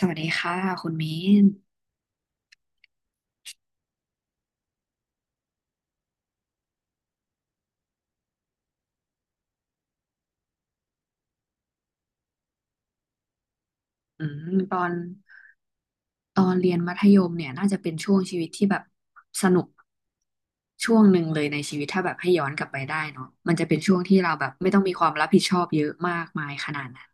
สวัสดีค่ะคุณเมนอืมตอนตอนเรียนมัธยมเนี่ยน่าจะเป็นช่วงชีวิตที่แบบสนุกช่วงหนึ่งเลยในชีวิตถ้าแบบให้ย้อนกลับไปได้เนาะมันจะเป็นช่วงที่เราแบบไม่ต้องมีความรับผิดชอบเยอะมากมายขนาดนั้น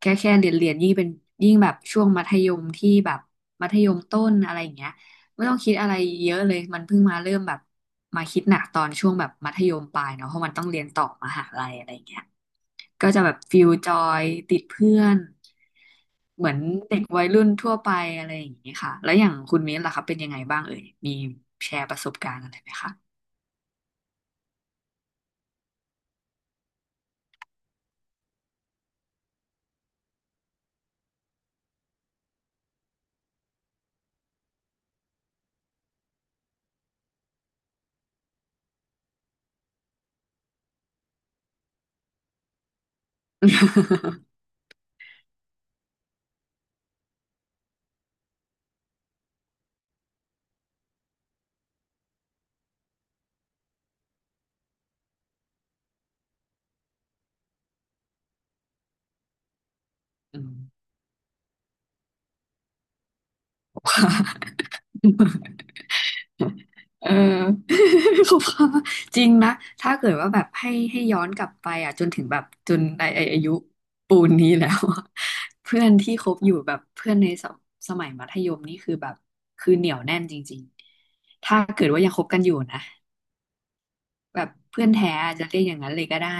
แค่เรียนยิ่งเป็นยิ่งแบบช่วงมัธยมที่แบบมัธยมต้นอะไรอย่างเงี้ยไม่ต้องคิดอะไรเยอะเลยมันเพิ่งมาเริ่มแบบมาคิดหนักตอนช่วงแบบมัธยมปลายเนาะเพราะมันต้องเรียนต่อมหาลัยอะไรอย่างเงี้ย ก็จะแบบฟิลจอยติดเพื่อนเหมือนเด็กวัยรุ่นทั่วไปอะไรอย่างนี้ค่ะแล้วอย่างคุณมิ้นล่ะครับเป็นยังไงบ้างเอ่ยมีแชร์ประสบการณ์อะไรไหมคะ อืม ค่ะเออ ขอบคุณค่ะ จริงนะถ้าเกิดว่าแบบให้ย้อนกลับไปอ่ะจนถึงแบบจนไอ้อายุปูนนี้แล้วอะ เพื่อนที่คบอยู่แบบเพื่อนในสมัยมัธยมนี่คือแบบคือเหนียวแน่นจริงๆถ้าเกิดว่ายังคบกันอยู่นะ แบบเพื่อนแท้อาจจะเรียกอย่างนั้นเลยก็ได้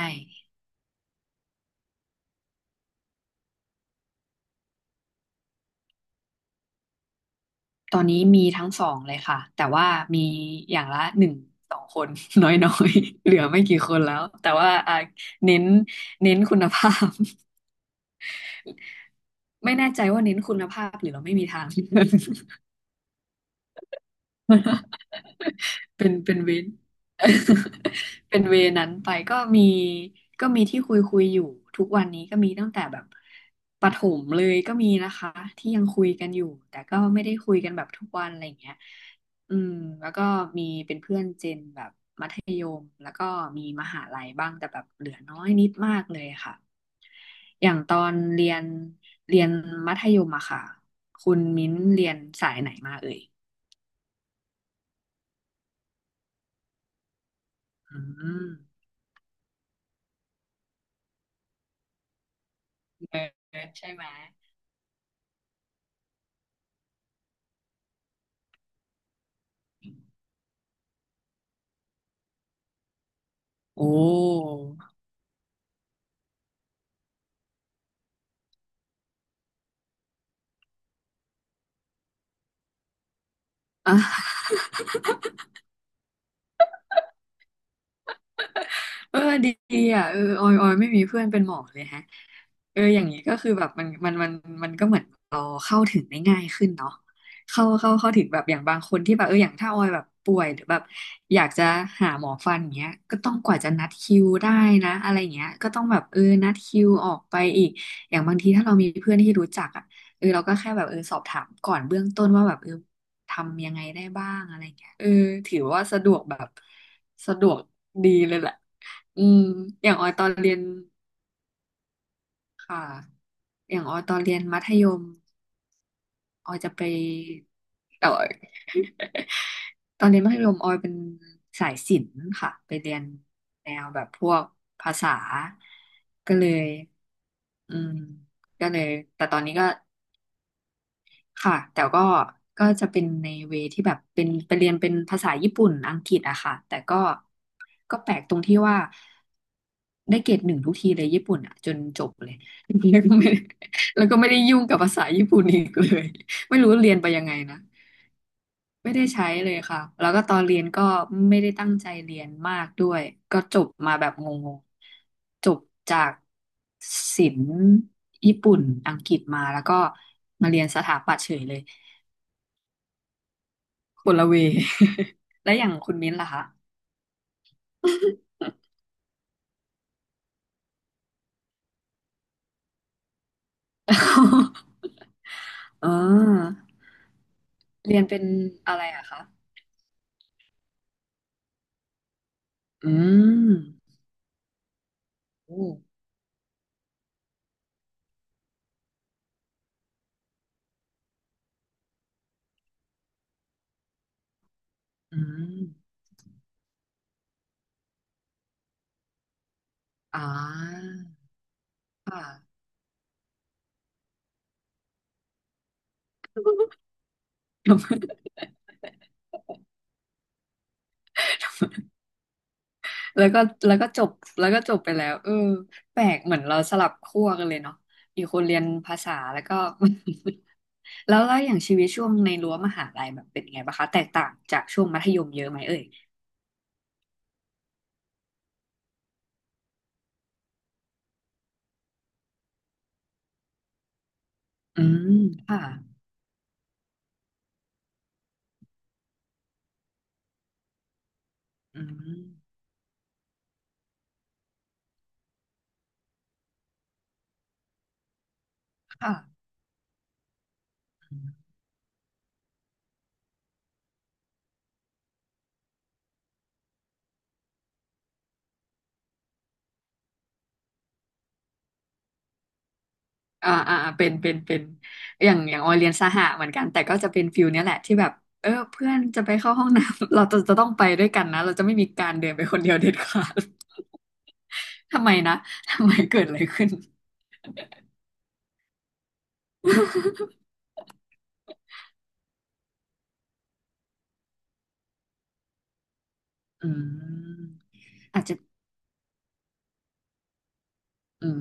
ตอนนี้มีทั้งสองเลยค่ะ แต่ว่ามีอย่างละหนึ่งสองคน น้อยๆ เหลือไม่กี่คนแล้ว แต่ว่าอ่ะเน้นเน้นคุณภาพ ไม่แน่ใจว่าเน้นคุณภาพหรือเราไม่มีทาง เป็นเวร เป็นเวรนั้นไปก็มีก็มีที่คุยอยู่ทุกวันนี้ก็มีตั้งแต่แบบประถมเลยก็มีนะคะที่ยังคุยกันอยู่แต่ก็ไม่ได้คุยกันแบบทุกวันอะไรอย่างเงี้ยอืมแล้วก็มีเป็นเพื่อนเจนแบบมัธยมแล้วก็มีมหาลัยบ้างแต่แบบเหลือน้อยนิดมากเลยค่ะอย่างตอนเรียนมัธยมอะค่ะคุณมิ้นเรียนสายไหนมาเอ่ยอืม เออใช่ไหมโอ้อ่า เออดีอ่ะเออออยไม่มีเพื่อนเป็นหมอเลยฮะเอออย่างนี้ก็คือแบบมันมันก็เหมือนเราเข้าถึงได้ง่ายขึ้นเนาะเข้าถึงแบบอย่างบางคนที่แบบเอออย่างถ้าออยแบบป่วยหรือแบบอยากจะหาหมอฟันอย่างเงี้ยก็ต้องกว่าจะนัดคิวได้นะอะไรเงี้ยก็ต้องแบบเออนัดคิวออกไปอีกอย่างบางทีถ้าเรามีเพื่อนที่รู้จักอ่ะเออเราก็แค่แบบเออสอบถามก่อนเบื้องต้นว่าแบบเออทำยังไงได้บ้างอะไรเงี้ยเออถือว่าสะดวกแบบสะดวกดีเลยแหละ อืมอย่างออยตอนเรียนค่ะอย่างออยตอนเรียนมัธยมออยจะไปแต่ออย ตอนเรียน มัธยมออยเป็นสายศิลป์ค่ะไปเรียนแนวแบบพวกภาษาก็เลยอืมก็เลยแต่ตอนนี้ก็ ค่ะแต่ก็ก็จะเป็นในเวที่แบบเป็นไปเรียนเป็นภาษาญี่ปุ่นอังกฤษอะค่ะแต่ก็ก็แปลกตรงที่ว่าได้เกรดหนึ่งทุกทีเลยญี่ปุ่นอะจนจบเลย แล้วก็ไม่แล้วก็ไม่ได้ยุ่งกับภาษาญี่ปุ่นอีกเลยไม่รู้เรียนไปยังไงนะไม่ได้ใช้เลยค่ะแล้วก็ตอนเรียนก็ไม่ได้ตั้งใจเรียนมากด้วยก็จบมาแบบงงๆจบจากศิลป์ญี่ปุ่นอังกฤษมาแล้วก็มาเรียนสถาปัตย์เฉยเลย คนละเว แล้วอย่างคุณมิ้นท์ล่ะคะ อ่าเรียนเป็นอะไรอะคะ อืมโอ้อืมอ่าค่ะ แล้วก็แล้วก็จบแล้วก็จบไปแล้วเออแปลกเหมือนเราสลับขั้วกันเลยเนาะมีคนเรียนภาษาแล้วก็ แล้วอย่างชีวิตช่วงในรั้วมหาลัยแบบเป็นไงบ้างคะแตกต่างจากช่วงมัธยมเยอะไหมเอ่ยอืมค่ะอืมค่ะ อ่าเป็นอย่างออยเรียนสหะเหมือนกันแต่ก็จะเป็นฟิลเนี้ยแหละที่แบบเออเพื่อนจะไปเข้าห้องน้ำ เราจะต้องไปด้วยกันนะเราจะไม่มีการเดินไปคนเดียวเด็ดขาด ทำไมนะทำไมเกิดอะไรขึ้น อืมอาจจะ อืม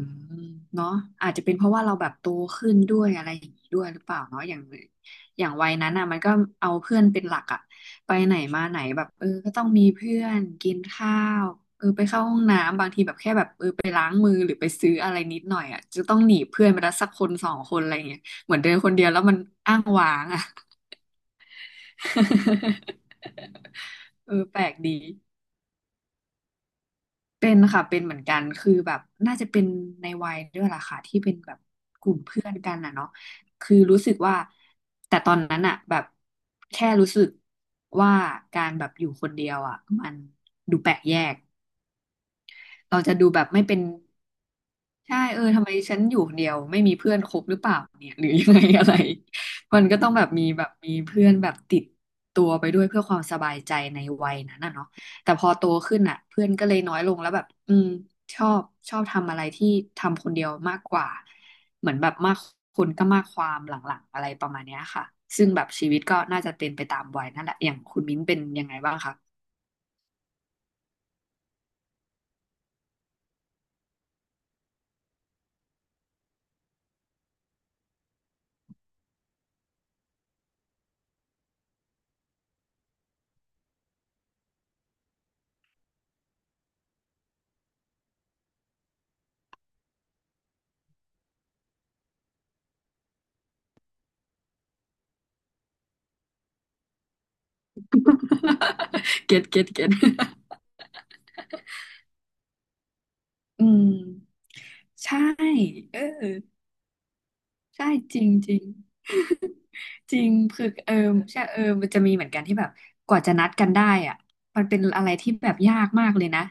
เนาะอาจจะเป็นเพราะว่าเราแบบโตขึ้นด้วยอะไรอย่างนี้ด้วยหรือเปล่าเนาะอย่างวัยนั้นอ่ะมันก็เอาเพื่อนเป็นหลักอ่ะไปไหนมาไหนแบบเออก็ต้องมีเพื่อนกินข้าวเออไปเข้าห้องน้ำบางทีแบบแค่แบบเออไปล้างมือหรือไปซื้ออะไรนิดหน่อยอ่ะจะต้องหนีเพื่อนไปละสักคนสองคนอะไรอย่างเงี้ยเหมือนเดินคนเดียวแล้วมันอ้างว้างอ่ะ เออแปลกดี เป็นค่ะเป็นเหมือนกันคือแบบน่าจะเป็นในวัยด้วยล่ะค่ะที่เป็นแบบกลุ่มเพื่อนกันน่ะเนาะคือรู้สึกว่าแต่ตอนนั้นอะแบบแค่รู้สึกว่าการแบบอยู่คนเดียวอะมันดูแปลกแยกเราจะดูแบบไม่เป็น ใช่เออทำไมฉันอยู่คนเดียวไม่มีเพื่อนคบหรือเปล่าเนี่ยหรือยังไงอะไร มันก็ต้องแบบมีเพื่อนแบบติดตัวไปด้วยเพื่อความสบายใจในวัยนั้นน่ะเนาะแต่พอโตขึ้นอ่ะเพื่อนก็เลยน้อยลงแล้วแบบอืมชอบชอบทำอะไรที่ทำคนเดียวมากกว่าเหมือนแบบมากคนก็มากความหลังๆอะไรประมาณเนี้ยค่ะซึ่งแบบชีวิตก็น่าจะเป็นไปตามวัยนั่นแหละอย่างคุณมิ้นเป็นยังไงบ้างคะ เก็ต อืมใช่เออ ใช่จริงจริงจริงคือเออใช่เออมันจะมีเหมือนกันที่แบบกว่าจะนัดกันได้อะมันเป็นอะไรที่แบบยากมากเลยนะ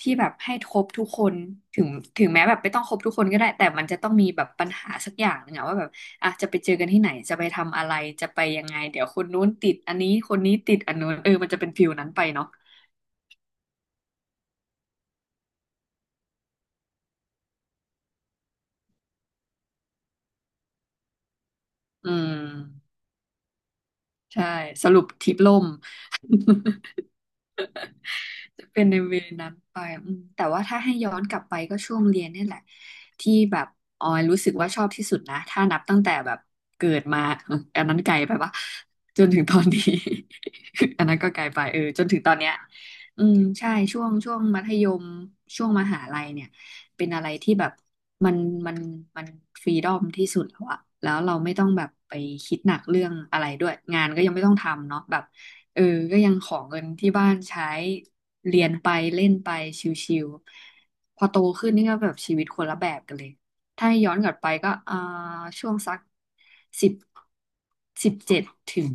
ที่แบบให้ครบทุกคนถึงถึงแม้แบบไม่ต้องครบทุกคนก็ได้แต่มันจะต้องมีแบบปัญหาสักอย่างหนึ่งอะว่าแบบอ่ะจะไปเจอกันที่ไหนจะไปทำอะไรจะไปยังไงเดี๋ยวคนนู้นติดอันนี้คนนี้ติดอันนู้นเออมันจะเป็นฟิลนั้นไปเนาะอืมใช่สรุปทริปล่ม จะเป็นในเวนั้นไปอืมแต่ว่าถ้าให้ย้อนกลับไปก็ช่วงเรียนเนี่ยแหละที่แบบออยรู้สึกว่าชอบที่สุดนะถ้านับตั้งแต่แบบเกิดมา เอออันนั้นไกลไปปะจนถึงตอนนี้ อันนั้นก็ไกลไปเออจนถึงตอนเนี้ยอืมใช่ช่วงช่วงมัธยมช่วงมหาลัยเนี่ยเป็นอะไรที่แบบมันมันมันฟรีดอมที่สุดแล้วอะแล้วเราไม่ต้องแบบไปคิดหนักเรื่องอะไรด้วยงานก็ยังไม่ต้องทำเนาะแบบ เออก็ยังขอเงินที่บ้านใช้เรียนไปเล่นไปชิวๆพอโตขึ้นนี่ก็แบบชีวิตคนละแบบกันเลยถ้าย้อนกลับไปก็ช่วงสักสิบ17ถึง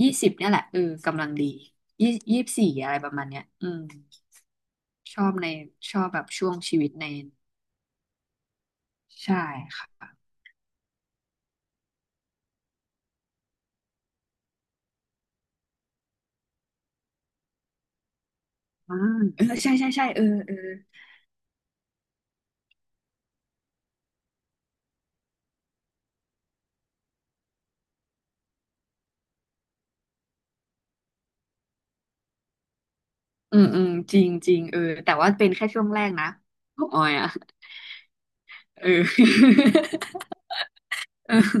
ยี่สิบเนี่ยแหละเออกำลังดียี่สิบสี่อะไรประมาณเนี้ยอืมชอบในชอบแบบช่วงชีวิตในใช่ค่ะอ่าเออใช่เออเอออืมอืมจริงจริงเออแต่ว่าเป็นแค่ช่วงแรกนะออยอ่ะเออ เออ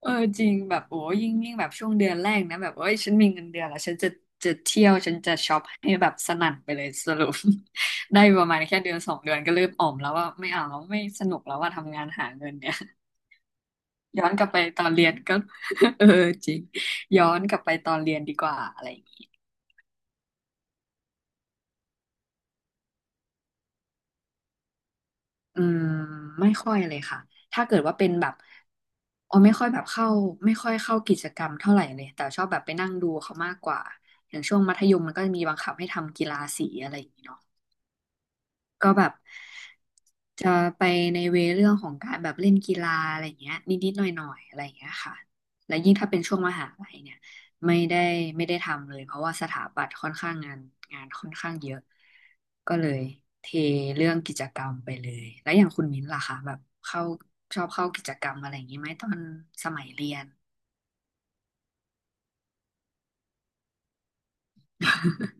เออจริงแบบโอ้ยิ่งแบบช่วงเดือนแรกนะแบบเอ้ยฉันมีเงินเดือนแล้วฉันจะเที่ยวฉันจะช็อปให้แบบสนั่นไปเลยสรุป ได้ประมาณแค่เดือนสองเดือนก็เริ่มอ่อมแล้วว่าไม่เอาแล้วไม่สนุกแล้วว่าทำงานหาเงินเนี่ย ย้อนกลับไปตอนเรียนก็ เออจริงย้อนกลับไปตอนเรียนดีกว่าอะไรอย่างงี้ อืมไม่ค่อยเลยค่ะถ้าเกิดว่าเป็นแบบอ๋อไม่ค่อยแบบเข้าไม่ค่อยเข้ากิจกรรมเท่าไหร่เลยแต่ชอบแบบไปนั่งดูเขามากกว่าอย่างช่วงมัธยมมันก็จะมีบังคับให้ทำกีฬาสีอะไรอย่างนี้เนาะ ก็แบบจะไปในเวเรื่องของการแบบเล่นกีฬาอะไรเงี้ยนิดๆหน่อยๆอะไรเงี้ยค่ะและยิ่งถ้าเป็นช่วงมหาลัยเนี่ยไม่ได้ไม่ได้ทำเลยเพราะว่าสถาปัตย์ค่อนข้างงานงานค่อนข้างเยอะก็เลยเทเรื่องกิจกรรมไปเลยแล้วอย่างคุณมิ้นท์ล่ะคะแบบเข้าชอบเข้ากิจกรรมอะไรอย่างนี้ไหมตอนสมัยเรียน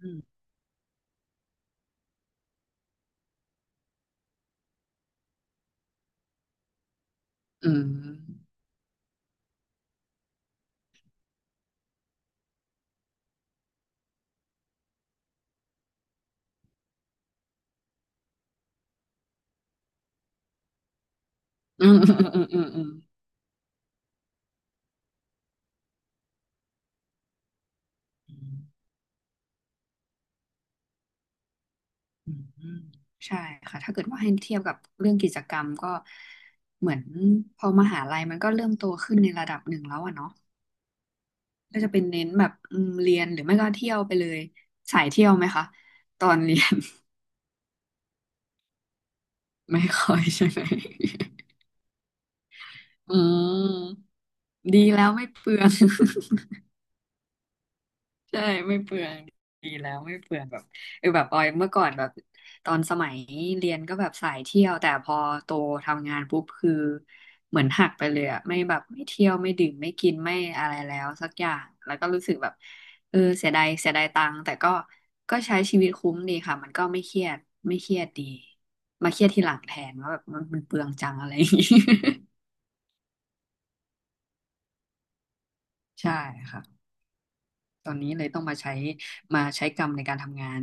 อืมอืมอืม อืมอืมอืมอืม อืมใช่ค่ะถ้าเกิดว่าให้เทียบกับเรื่องกิจกรรมก็เหมือนพอมหาลัยมันก็เริ่มโตขึ้นในระดับหนึ่งแล้วอะเนาะก็จะเป็นเน้นแบบอืมเรียนหรือไม่ก็เที่ยวไปเลยสายเที่ยวไหมคะตอนเรียน ไม่ค่อยใช่ไหม อืมดีแล้วไม่เปลือง ใช่ไม่เปลืองดีแล้วไม่เปลืองแบบเออแบบออยเมื่อก่อนแบบตอนสมัยเรียนก็แบบสายเที่ยวแต่พอโตทำงานปุ๊บคือเหมือนหักไปเลยอะไม่แบบไม่เที่ยวไม่ดื่มไม่กินไม่อะไรแล้วสักอย่างแล้วก็รู้สึกแบบเออเสียดายเสียดายตังค์แต่ก็ใช้ชีวิตคุ้มดีค่ะมันก็ไม่เครียดไม่เครียดดีมาเครียดทีหลังแทนว่าแบบมันเปลืองจังอะไรอย่างงี้ ใช่ค่ะตอนนี้เลยต้องมาใช้กรรมในการทำงาน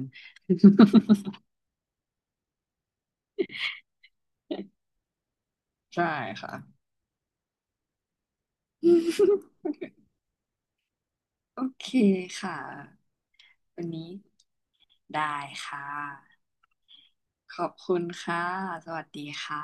ใช่ค่ะ โอเคค่ะวันนี้ได้ค่ะขอบคุณค่ะสวัสดีค่ะ